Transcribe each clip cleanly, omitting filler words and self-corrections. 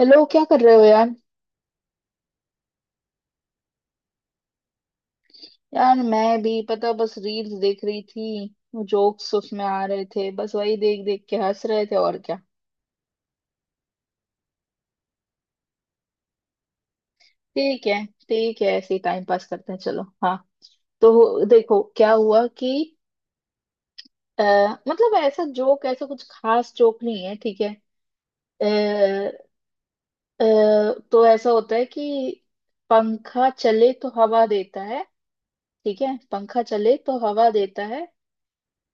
Hello, क्या कर रहे हो यार। यार, मैं भी पता बस रील्स देख रही थी। जोक्स उसमें आ रहे थे, बस वही देख देख के हंस रहे थे, और क्या। ठीक है ठीक है, ऐसे ही टाइम पास करते हैं, चलो। हाँ, तो देखो क्या हुआ कि आ, मतलब ऐसा जोक, ऐसा कुछ खास जोक नहीं है, ठीक है। आ, आ, तो ऐसा होता है कि पंखा चले तो हवा देता है। ठीक है, पंखा चले तो हवा देता है।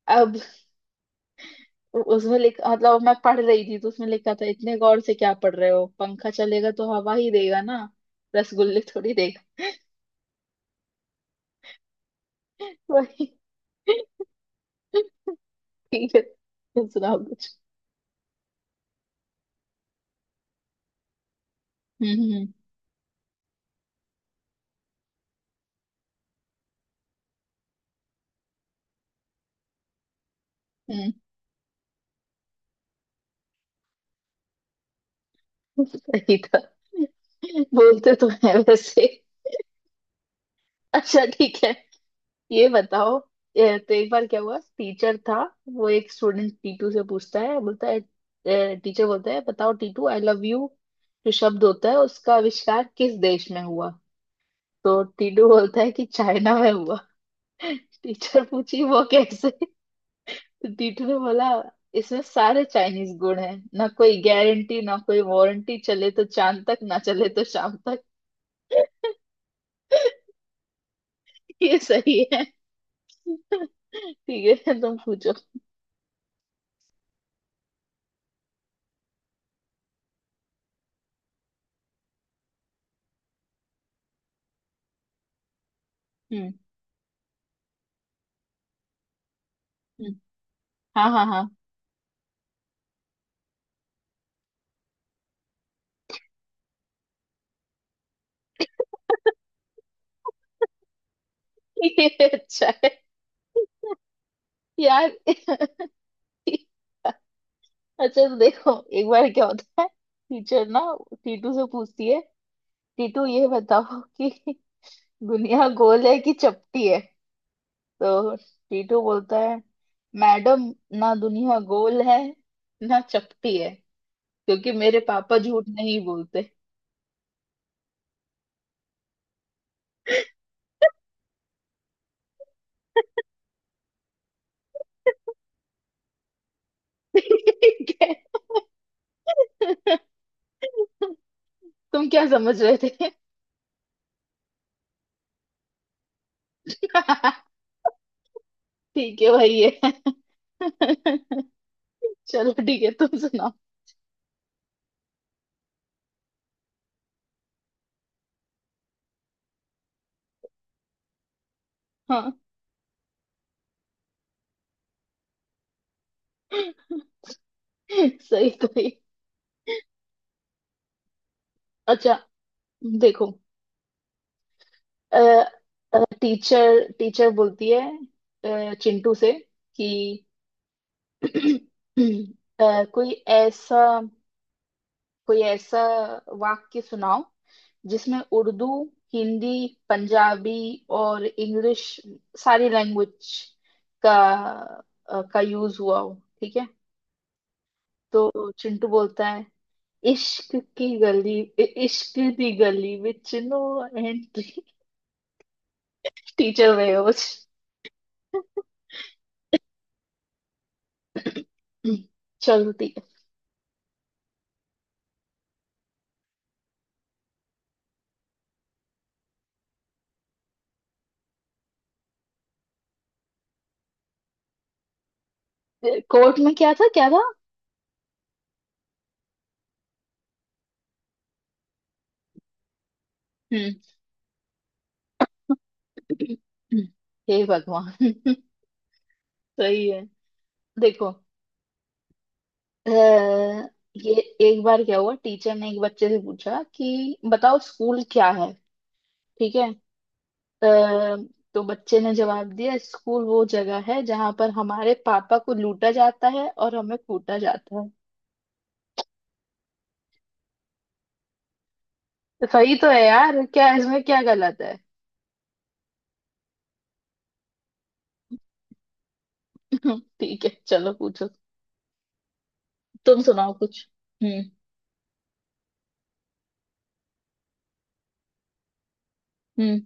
अब उसमें लिखा, मतलब मैं पढ़ रही थी तो उसमें लिखा था, इतने गौर से क्या पढ़ रहे हो, पंखा चलेगा तो हवा ही देगा ना, रसगुल्ले थोड़ी देगा। वही। ठीक है, तुम सुनाओ कुछ। हम्म। हम्म। हम्म, सही था। बोलते तो है वैसे। अच्छा ठीक है, ये बताओ। तो एक बार क्या हुआ, टीचर था, वो एक स्टूडेंट टीटू से पूछता है, बोलता है, टीचर बोलता है, बताओ टीटू, आई लव यू जो शब्द होता है, उसका आविष्कार किस देश में हुआ। तो टीटू बोलता है कि चाइना में हुआ। टीचर पूछी वो कैसे। तो टीचर ने बोला, इसमें सारे चाइनीज गुण हैं। ना कोई गारंटी, ना कोई वारंटी, चले तो चांद तक, ना चले तो शाम तक। ये सही है। ठीक है, तुम पूछो। हम्म। हम्म, हाँ हाँ हाँ। ये अच्छा है यार। अच्छा, तो देखो, एक बार क्या होता है, टीचर ना टीटू से पूछती है, टीटू ये बताओ कि दुनिया गोल है कि चपटी है। तो टीटू बोलता है, मैडम ना दुनिया गोल है, ना चपटी है, क्योंकि मेरे पापा झूठ नहीं बोलते। ठीक है, तुम क्या समझ रहे थे। ठीक है भाई, ये। चलो ठीक है, तुम सुनाओ। हाँ। सही सही। अच्छा देखो, टीचर टीचर बोलती है चिंटू से कि कोई ऐसा, कोई ऐसा वाक्य सुनाओ जिसमें उर्दू, हिंदी, पंजाबी और इंग्लिश, सारी लैंग्वेज का का यूज हुआ हो, ठीक है। तो चिंटू बोलता है, इश्क की गली, इश्क Di Gali Vich no entry. Teacher वेयर्स चलती। कोर्ट में क्या था क्या था। हम्म। हे भगवान। सही है। देखो अ, ये, एक बार क्या हुआ, टीचर ने एक बच्चे से पूछा कि बताओ स्कूल क्या है, ठीक है। अ, तो बच्चे ने जवाब दिया, स्कूल वो जगह है जहां पर हमारे पापा को लूटा जाता है और हमें कूटा जाता है। तो सही तो है यार, क्या इसमें क्या गलत है। ठीक है, चलो पूछो, तुम सुनाओ कुछ। हम्म। हम्म।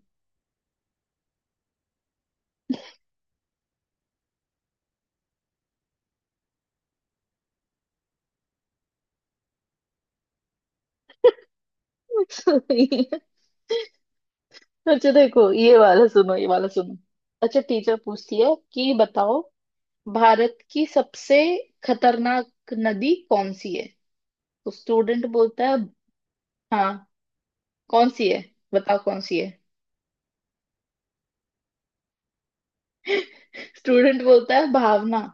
सही है। अच्छा देखो, ये वाला सुनो, ये वाला सुनो। अच्छा, टीचर पूछती है कि बताओ भारत की सबसे खतरनाक नदी कौन सी है। तो स्टूडेंट बोलता है। हाँ। कौन सी है, बताओ कौन सी है। स्टूडेंट बोलता है भावना।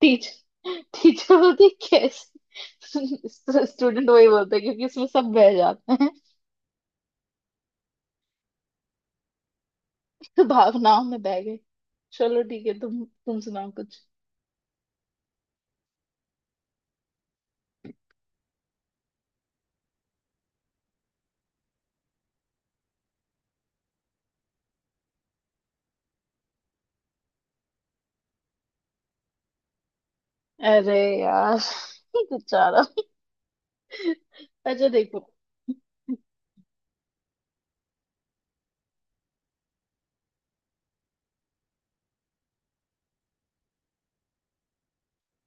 टीच टीचर बोलती है कैसे, स्टूडेंट वही बोलता है क्योंकि इसमें सब बह जाते हैं। तो भावनाओं में बह गए। चलो ठीक है, तुम सुनाओ कुछ। अरे यार, बेचारा। अच्छा देखो।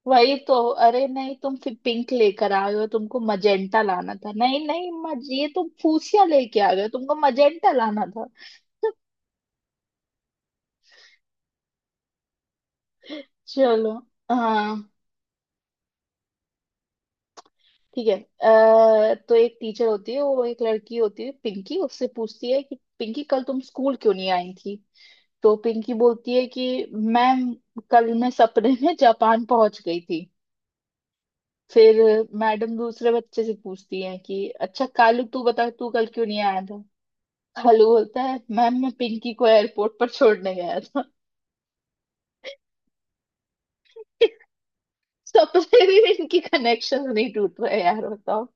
वही तो। अरे नहीं, तुम फिर पिंक लेकर आए हो, तुमको मजेंटा लाना था, नहीं नहीं, मज ये तुम फूसिया लेके आ गए हो, तुमको मजेंटा लाना था। चलो। हाँ ठीक है, तो एक टीचर होती है, वो एक लड़की होती है पिंकी, उससे पूछती है कि पिंकी, कल तुम स्कूल क्यों नहीं आई थी। तो पिंकी बोलती है कि मैम, कल मैं सपने में जापान पहुंच गई थी। फिर मैडम दूसरे बच्चे से पूछती है कि अच्छा कालू, तू बता तू कल क्यों नहीं आया था। हलू बोलता है, मैम मैं पिंकी को एयरपोर्ट पर छोड़ने गया था। सबसे भी इनकी कनेक्शन नहीं टूट रहे यार, बताओ।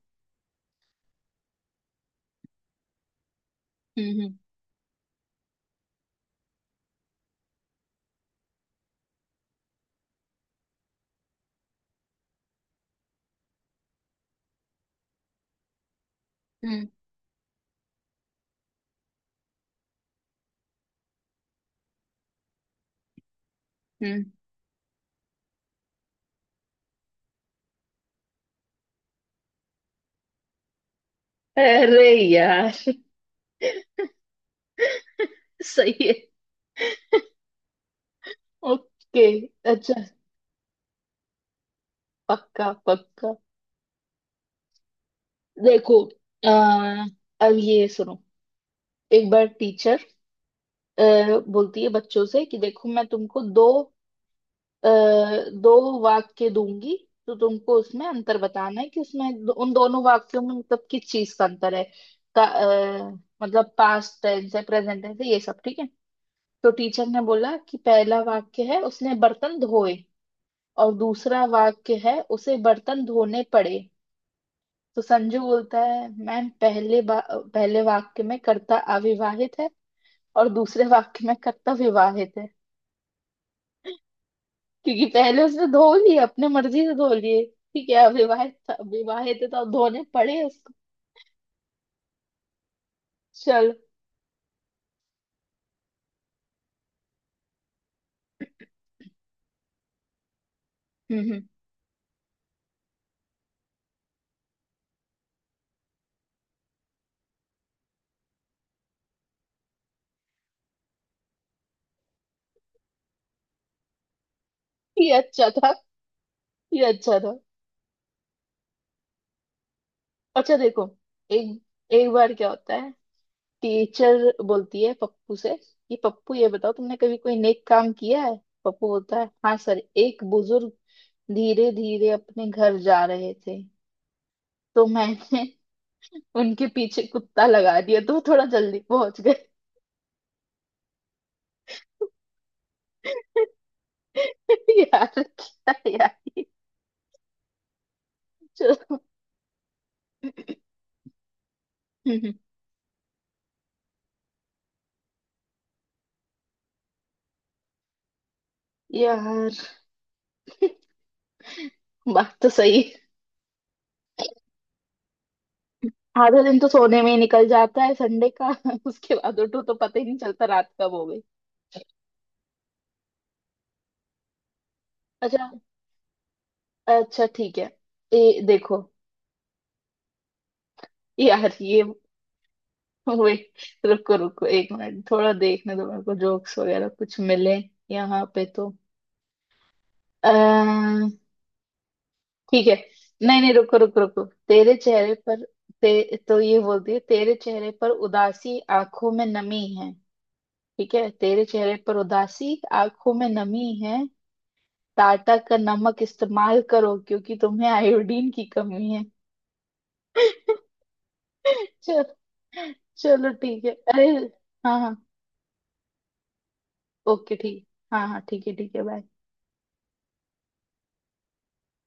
हम्म। हम्म हम्म। अरे यार। सही है। ओके। अच्छा। पक्का पक्का। देखो, आ, अब ये सुनो, एक बार टीचर बोलती है बच्चों से कि देखो मैं तुमको दो, अ, दो वाक्य दूंगी, तो तुमको उसमें अंतर बताना है कि उसमें उन दोनों वाक्यों में मतलब किस चीज का अंतर है, का, अ, मतलब पास्ट टेंस है प्रेजेंट टेंस है ये सब, ठीक है। तो टीचर ने बोला कि पहला वाक्य है, उसने बर्तन धोए, और दूसरा वाक्य है, उसे बर्तन धोने पड़े। तो संजू बोलता है, मैम पहले वाक्य में कर्ता अविवाहित है और दूसरे वाक्य में कर्ता विवाहित है। क्योंकि पहले उसने धो लिए, अपने मर्जी से धो लिए, ठीक है, अविवाहित था, विवाहित है तो अब धोने पड़े उसको। चल। हम्म। ये अच्छा था, ये अच्छा था। अच्छा देखो, एक एक बार क्या होता है, टीचर बोलती है पप्पू से कि पप्पू, ये बताओ तुमने कभी कोई नेक काम किया है। पप्पू बोलता है, हाँ सर, एक बुजुर्ग धीरे धीरे अपने घर जा रहे थे, तो मैंने उनके पीछे कुत्ता लगा दिया तो वो थोड़ा जल्दी पहुंच गए। यार, क्या यार। चलो। यार बात तो सही है। आधा दिन तो सोने में ही निकल जाता है संडे का, उसके बाद उठो तो पता ही नहीं चलता रात कब हो गई। अच्छा। अच्छा ठीक है, ये देखो। यार ये। वेट, रुको रुको एक मिनट, थोड़ा देखने दो मेरे को जोक्स वगैरह कुछ मिले यहाँ पे तो। अः ठीक है। नहीं नहीं, रुको रुको रुको तेरे चेहरे पर, तो ये बोलती है, तेरे चेहरे पर उदासी आंखों में नमी है, ठीक है, तेरे चेहरे पर उदासी आंखों में नमी है, टाटा का नमक इस्तेमाल करो क्योंकि तुम्हें आयोडीन की कमी है। चल। चलो ठीक है। अरे हाँ हाँ। ओके ठीक। हाँ हाँ ठीक है ठीक है, बाय।